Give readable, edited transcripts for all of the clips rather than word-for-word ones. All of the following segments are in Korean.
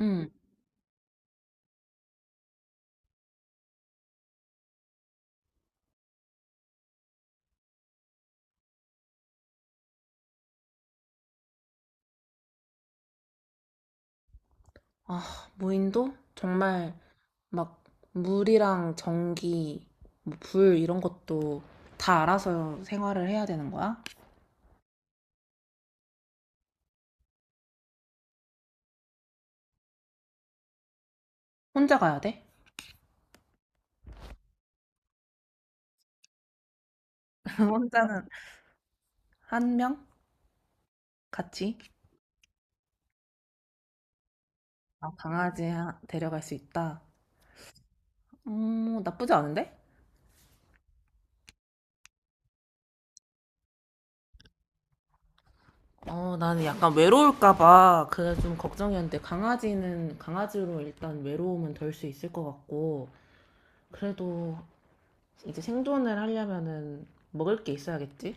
응. 아, 무인도? 정말 막 물이랑 전기, 뭐불 이런 것도 다 알아서 생활을 해야 되는 거야? 혼자 가야 돼? 혼자는 한 명? 같이? 아, 데려갈 수 있다. 나쁘지 않은데? 어, 나는 약간 외로울까 봐 그게 좀 걱정이었는데 강아지는 강아지로 일단 외로움은 덜 수 있을 것 같고 그래도 이제 생존을 하려면은 먹을 게 있어야겠지?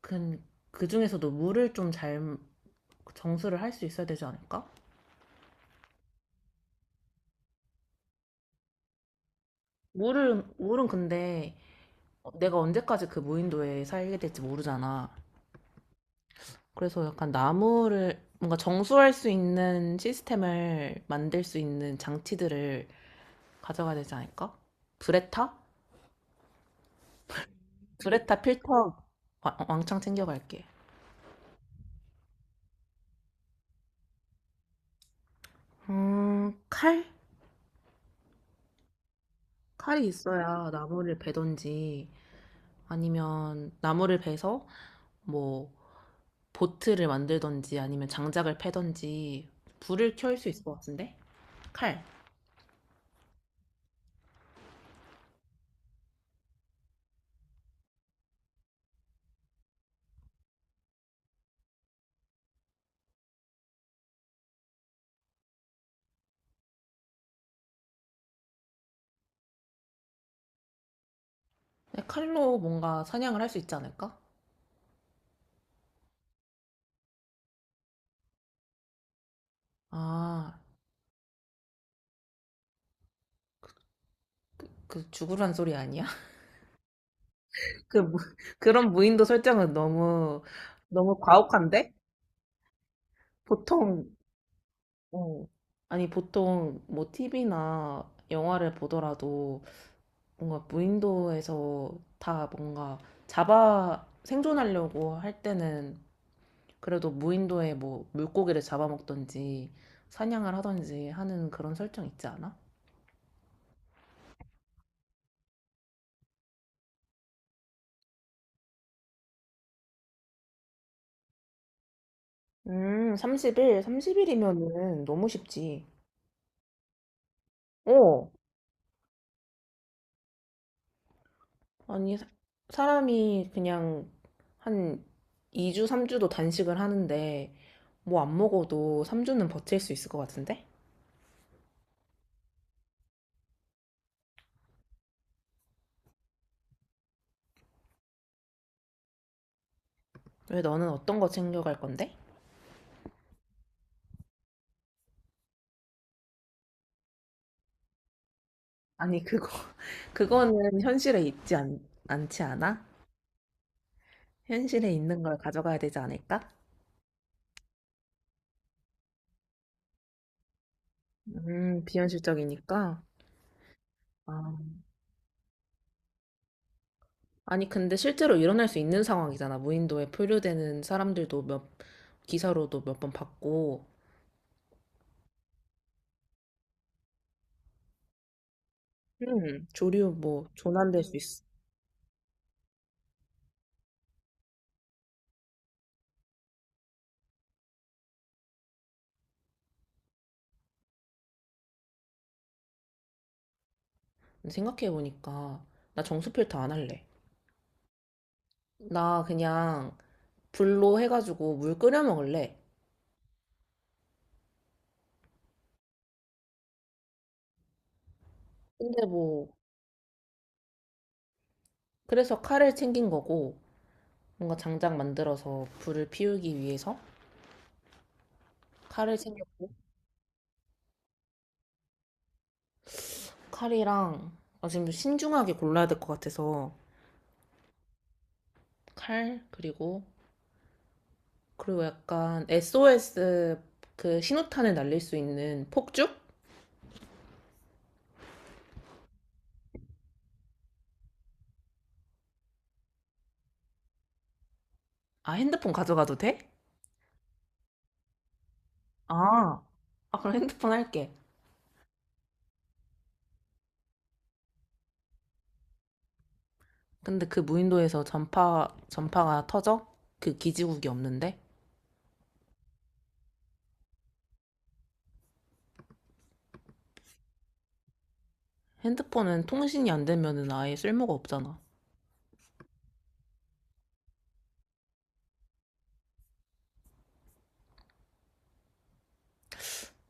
그, 그 중에서도 물을 좀 잘 정수를 할 수 있어야 되지 않을까? 물은 근데 어, 내가 언제까지 그 무인도에 살게 될지 모르잖아. 그래서 약간 나무를 뭔가 정수할 수 있는 시스템을 만들 수 있는 장치들을 가져가야 되지 않을까? 브레타? 브레타 필터 왕창 챙겨갈게. 칼? 칼이 있어야 나무를 베던지 아니면 나무를 베서 뭐 보트를 만들던지 아니면 장작을 패던지 불을 켤 수 있을 것 같은데? 칼. 네, 칼로 뭔가 사냥을 할 수 있지 않을까? 아, 그 죽으란 소리 아니야? 그 무- 그런 무인도 설정은 너무 너무 과혹한데? 보통 어. 아니 보통 뭐 TV나 영화를 보더라도 뭔가 무인도에서 다 뭔가 잡아 생존하려고 할 때는 그래도 무인도에 뭐 물고기를 잡아먹던지 사냥을 하던지 하는 그런 설정 있지 않아? 30일, 30일이면은 너무 쉽지. 어. 아니, 사- 사람이 그냥 한 2주, 3주도 단식을 하는데 뭐 안 먹어도 3주는 버틸 수 있을 것 같은데? 왜 너는 어떤 거 챙겨갈 건데? 아니, 그거, 그거는 현실에 있지 않지 않아? 현실에 있는 걸 가져가야 되지 않을까? 비현실적이니까. 아, 아니, 근데 실제로 일어날 수 있는 상황이잖아. 무인도에 표류되는 사람들도 몇, 기사로도 몇 번 봤고, 조류 뭐 조난될 수 있어. 생각해보니까, 나 정수 필터 안 할래. 나 그냥 불로 해가지고 물 끓여 먹을래. 근데 뭐, 그래서 칼을 챙긴 거고, 뭔가 장작 만들어서 불을 피우기 위해서 칼을 챙겨, 칼이랑, 아, 지금 신중하게 골라야 될 것 같아서, 칼, 그리고 약간 SOS 그 신호탄을 날릴 수 있는 폭죽? 아, 핸드폰 가져가도 돼? 아, 아, 그럼 핸드폰 할게. 근데 그 무인도에서 전파가 터져? 그 기지국이 없는데? 핸드폰은 통신이 안 되면은 아예 쓸모가 없잖아.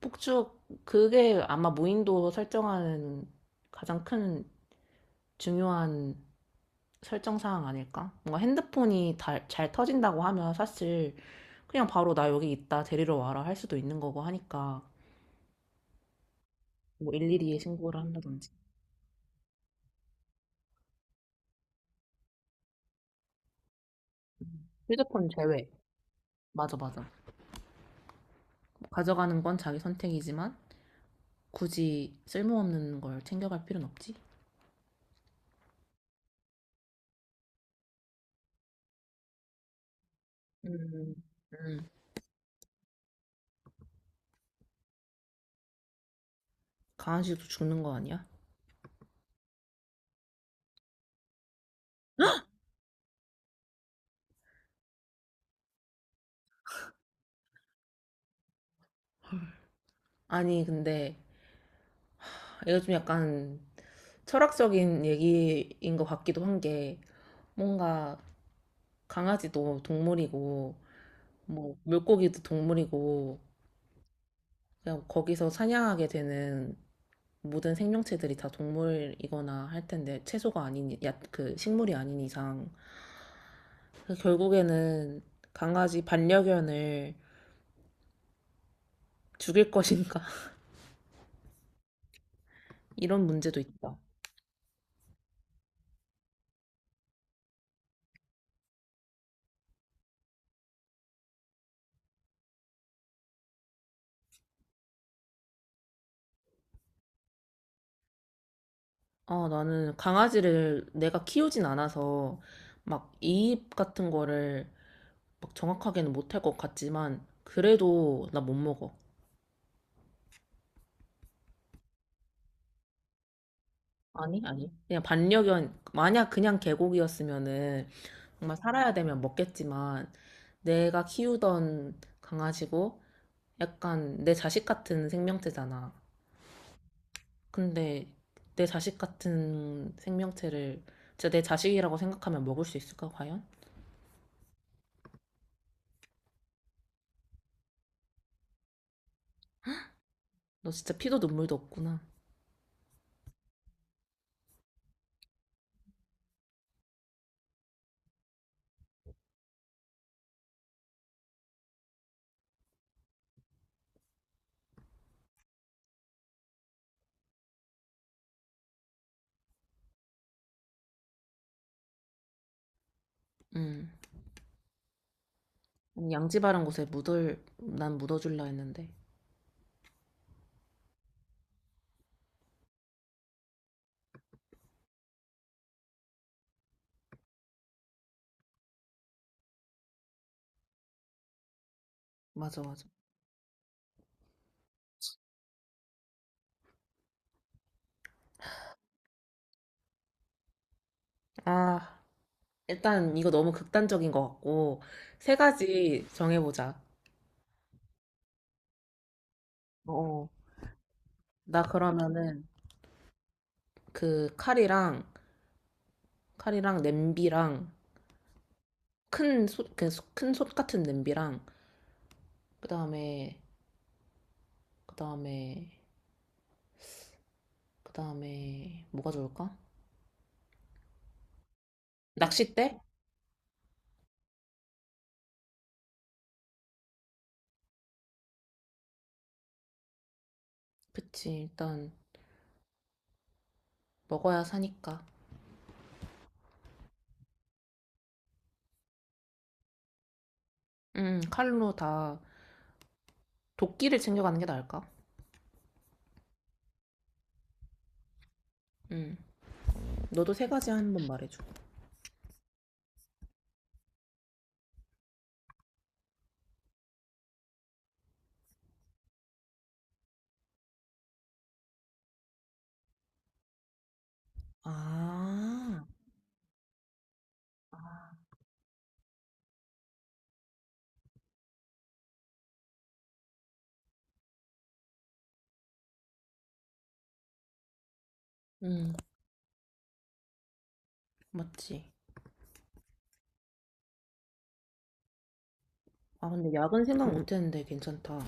폭죽, 그게 아마 무인도 설정하는 가장 큰 중요한 설정 사항 아닐까? 뭔가 잘 터진다고 하면 사실 그냥 바로 나 여기 있다 데리러 와라 할 수도 있는 거고 하니까 뭐 일일이 에 신고를 한다든지. 휴대폰 제외. 맞아, 맞아. 뭐 가져가는 건 자기 선택이지만 굳이 쓸모없는 걸 챙겨갈 필요는 없지. 음, 음. 강아지도 죽는 거 아니야? 아니, 근데 이거 좀 약간 철학적인 얘기인 것 같기도 한 게 뭔가 강아지도 동물이고 뭐 물고기도 동물이고 그냥 거기서 사냥하게 되는 모든 생명체들이 다 동물이거나 할 텐데 채소가 아닌 야, 그 식물이 아닌 이상 그래서 결국에는 강아지 반려견을 죽일 것인가? 이런 문제도 있다. 아, 나는 강아지를 내가 키우진 않아서 막 이입 같은 거를 막 정확하게는 못할 것 같지만 그래도 나 못 먹어. 아니, 아니. 그냥 반려견, 만약 그냥 계곡이었으면은 정말 살아야 되면 먹겠지만 내가 키우던 강아지고 약간 내 자식 같은 생명체잖아. 근데 내 자식 같은 생명체를 진짜 내 자식이라고 생각하면 먹을 수 있을까, 과연? 너 진짜 피도 눈물도 없구나. 음. 아니, 난 묻어줄라 했는데. 맞아, 맞아. 아, 일단 이거 너무 극단적인 것 같고, 세 가지 정해보자. 어. 나 그러면은 그 칼이랑, 칼이랑 냄비랑, 큰 솥, 큰솥 같은 냄비랑, 그 다음에, 그 다음에, 그 다음에, 뭐가 좋을까? 낚싯대? 그치, 일단 먹어야 사니까. 칼로 다 도끼를 챙겨가는 게 나을까? 음, 너도 세 가지 한 번 말해줘. 아, 음, 맞지. 아, 근데 야근 생각 못 했는데 괜찮다.